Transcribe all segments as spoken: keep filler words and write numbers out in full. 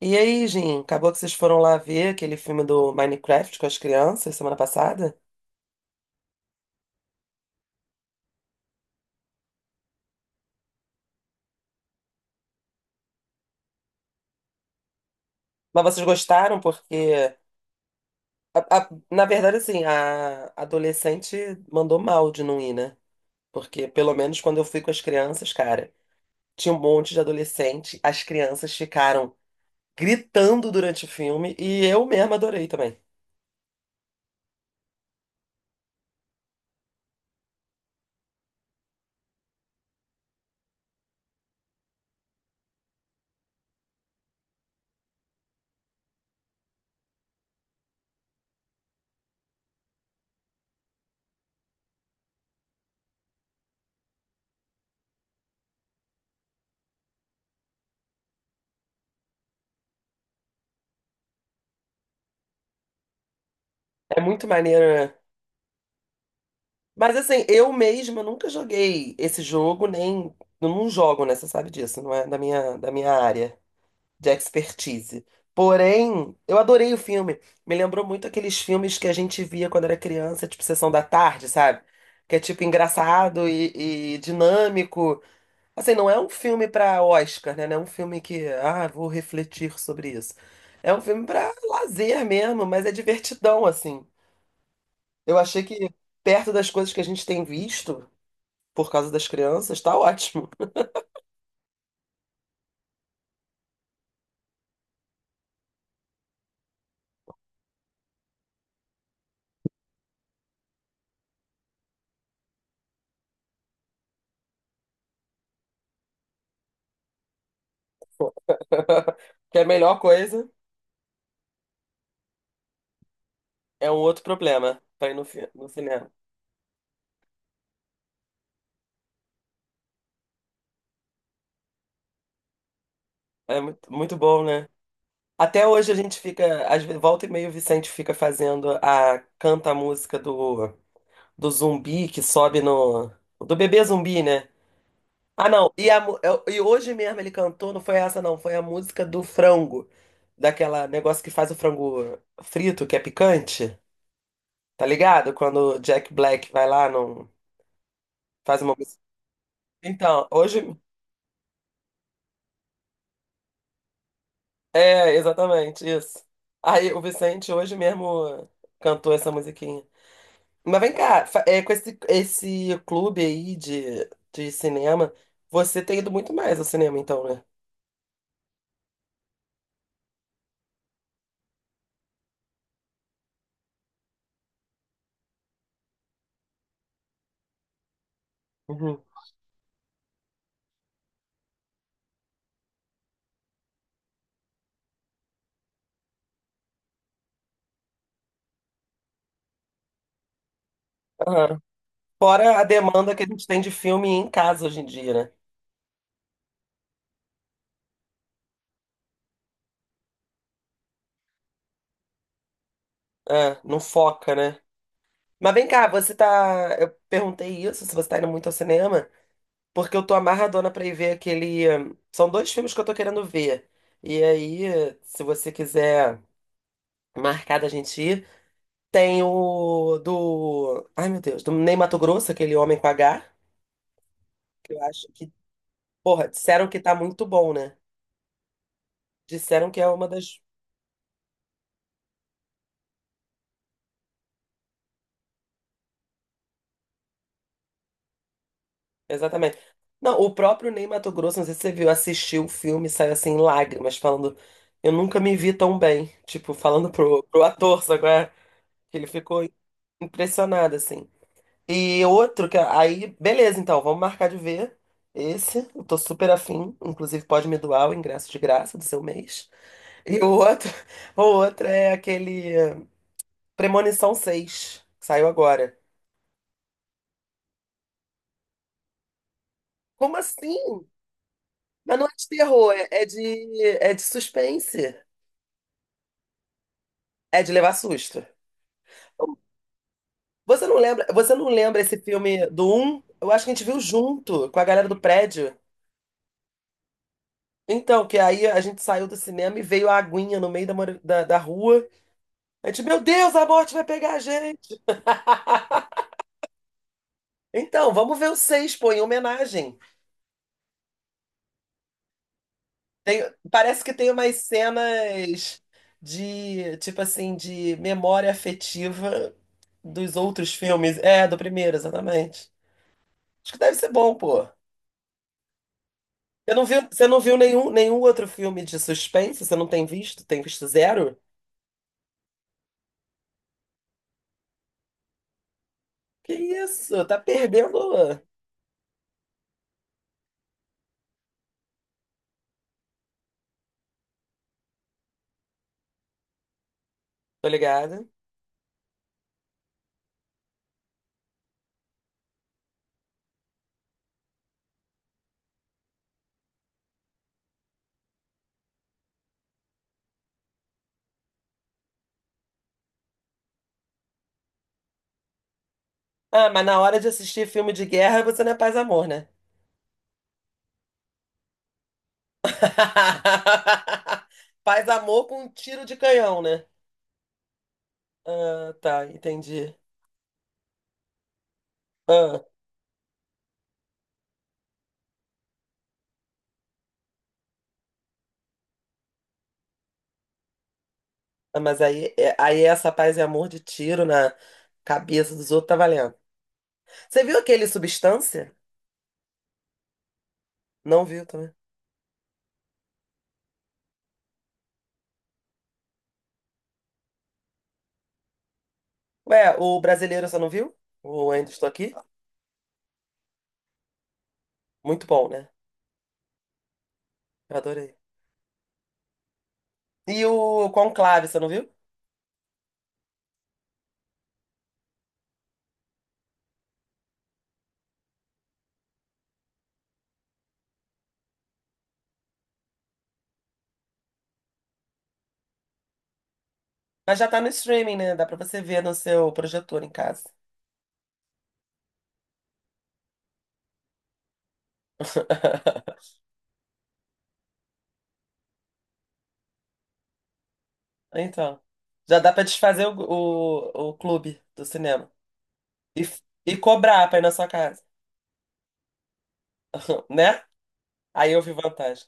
E aí, Jim, acabou que vocês foram lá ver aquele filme do Minecraft com as crianças semana passada? Mas vocês gostaram porque, a- a- na verdade, assim, a adolescente mandou mal de não ir, né? Porque, pelo menos, quando eu fui com as crianças, cara, tinha um monte de adolescente, as crianças ficaram gritando durante o filme e eu mesma adorei também. É muito maneiro, né? Mas, assim, eu mesma nunca joguei esse jogo, nem. Eu não jogo, né? Você sabe disso, não é da minha, da minha área de expertise. Porém, eu adorei o filme. Me lembrou muito aqueles filmes que a gente via quando era criança, tipo Sessão da Tarde, sabe? Que é tipo engraçado e, e dinâmico. Assim, não é um filme para Oscar, né? Não é um filme que, ah, vou refletir sobre isso. É um filme para lazer mesmo, mas é divertidão, assim. Eu achei que perto das coisas que a gente tem visto por causa das crianças, tá ótimo. Que é a melhor coisa, é um outro problema para ir no, fi- no cinema. É muito, muito bom, né? Até hoje a gente fica, às vezes, volta e meia o Vicente fica fazendo a canta a música do, do zumbi que sobe no. Do bebê zumbi, né? Ah, não. E, a mu- eu- e hoje mesmo ele cantou, não foi essa, não. Foi a música do frango. Daquela negócio que faz o frango frito, que é picante. Tá ligado? Quando o Jack Black vai lá, não faz uma música. Então, hoje. É, exatamente, isso. Aí o Vicente hoje mesmo cantou essa musiquinha. Mas vem cá, fa- é, com esse, esse clube aí de, de cinema, você tem ido muito mais ao cinema, então, né? Uhum. Aham. Fora a demanda que a gente tem de filme em casa hoje em dia, né? É, não foca, né? Mas vem cá, você tá. Eu perguntei isso, se você tá indo muito ao cinema, porque eu tô amarradona pra ir ver aquele. hum, São dois filmes que eu tô querendo ver. E aí, se você quiser. Marcada a gente ir. Tem o do. Ai, meu Deus, do Ney Matogrosso, aquele homem com H, que eu acho que. Porra, disseram que tá muito bom, né? Disseram que é uma das. Exatamente. Não, o próprio Ney Matogrosso, não sei se você viu, assistiu o filme e saiu assim, em lágrimas, falando. Eu nunca me vi tão bem. Tipo, falando pro, pro ator, sabe? Qual é? Que ele ficou impressionado, assim. E outro que. Aí, beleza, então, vamos marcar de ver. Esse, eu tô super afim. Inclusive, pode me doar o ingresso de graça do seu mês. E o outro, o outro é aquele eh, Premonição seis que saiu agora. Como assim? Mas não é de terror, é é de, é de suspense. É de levar susto. Então, você não lembra, você não lembra esse filme do um? Eu acho que a gente viu junto com a galera do prédio. Então, que aí a gente saiu do cinema e veio a aguinha no meio da, mora- da, da rua. A gente, meu Deus, a morte vai pegar a gente. Então, vamos ver o seis pô, em homenagem. Tem- parece que tem umas cenas de, tipo assim, de memória afetiva dos outros filmes. É, do primeiro, exatamente. Acho que deve ser bom, pô. Você não viu, você não viu nenhum, nenhum outro filme de suspense? Você não tem visto? Tem visto zero? Que isso? Tá perdendo. Tô ligado. Ah, mas na hora de assistir filme de guerra, você não é paz e amor, né? Paz e amor com um tiro de canhão, né? Ah, tá, entendi. Ah. Ah, mas aí, é- aí essa paz e amor de tiro na cabeça dos outros tá valendo. Você viu aquele Substância? Não viu também. Ué, o brasileiro você não viu? O Ainda Estou Aqui? Muito bom, né? Eu adorei. E o Conclave, você não viu? Mas já tá no streaming, né? Dá pra você ver no seu projetor em casa. Então, já dá pra desfazer o, o, o clube do cinema. E, f- e cobrar pra ir na sua casa, né? Aí eu vi vantagem.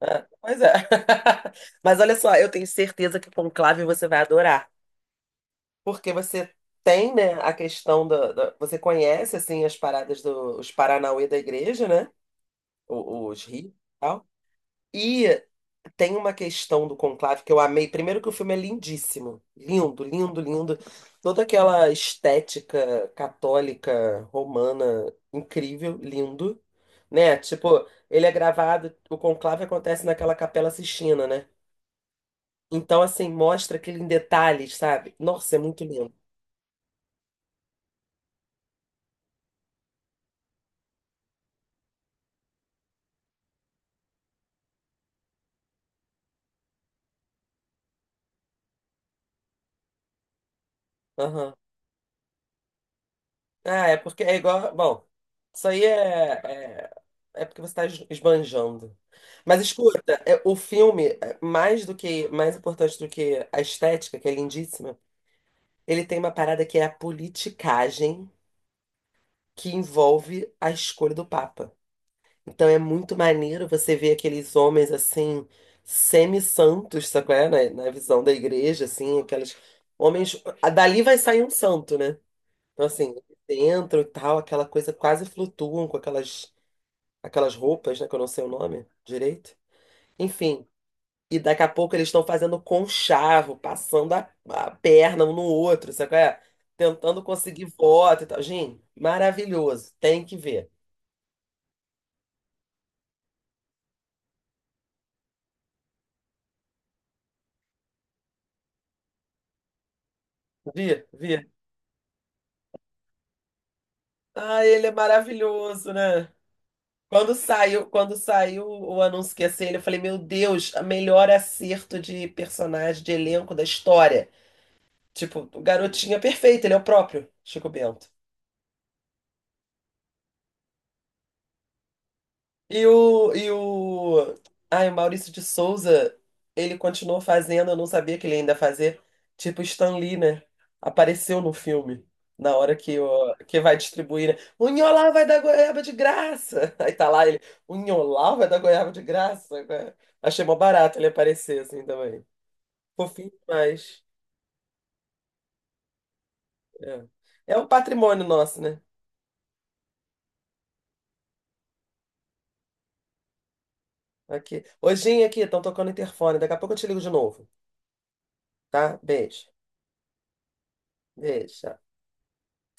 É, pois é. Mas olha só, eu tenho certeza que o Conclave você vai adorar. Porque você tem, né, a questão da, da- Você conhece, assim, as paradas dos os Paranauê da igreja, né? O- Os rios e tal. E tem uma questão do Conclave que eu amei. Primeiro que o filme é lindíssimo. Lindo, lindo, lindo. Toda aquela estética católica, romana, incrível, lindo. Né? Tipo, ele é gravado... O Conclave acontece naquela Capela Sistina, né? Então, assim, mostra aquele em detalhes, sabe? Nossa, é muito lindo. Aham. Ah, é porque é igual. Bom, isso aí é, é, é porque você está esbanjando. Mas escuta, é, o filme, é, mais do que, mais importante do que a estética, que é lindíssima, ele tem uma parada que é a politicagem que envolve a escolha do Papa. Então é muito maneiro você ver aqueles homens assim, semi-santos, sabe qual é? Na, na visão da igreja, assim, aqueles homens. a- Dali vai sair um santo, né? Então, assim, dentro e tal, aquela coisa quase flutuam com aquelas, aquelas roupas, né? Que eu não sei o nome direito. Enfim, e daqui a pouco eles estão fazendo conchavo, passando a, a perna um no outro, sabe qual é? Tentando conseguir voto e tal. Gente, maravilhoso, tem que ver. Vi, vi. Ah, ele é maravilhoso, né? Quando saiu, quando saiu o anúncio que ia ser ele, eu falei, meu Deus, a melhor acerto de personagem, de elenco da história. Tipo, o garotinho é perfeito, ele é o próprio Chico Bento. E o, e o, ai, o Maurício de Souza, ele continuou fazendo, eu não sabia que ele ainda fazia, tipo Stan Lee, né? Apareceu no filme, na hora que, o, que vai distribuir, né? O Nholau vai dar goiaba de graça! Aí tá lá ele, o Nholau vai dar goiaba de graça? Né? Achei mó barato ele aparecer assim também. Fofinho demais. É. É um patrimônio nosso, né? Aqui. Hojinha aqui, estão tocando interfone, daqui a pouco eu te ligo de novo, tá? Beijo. Beijo.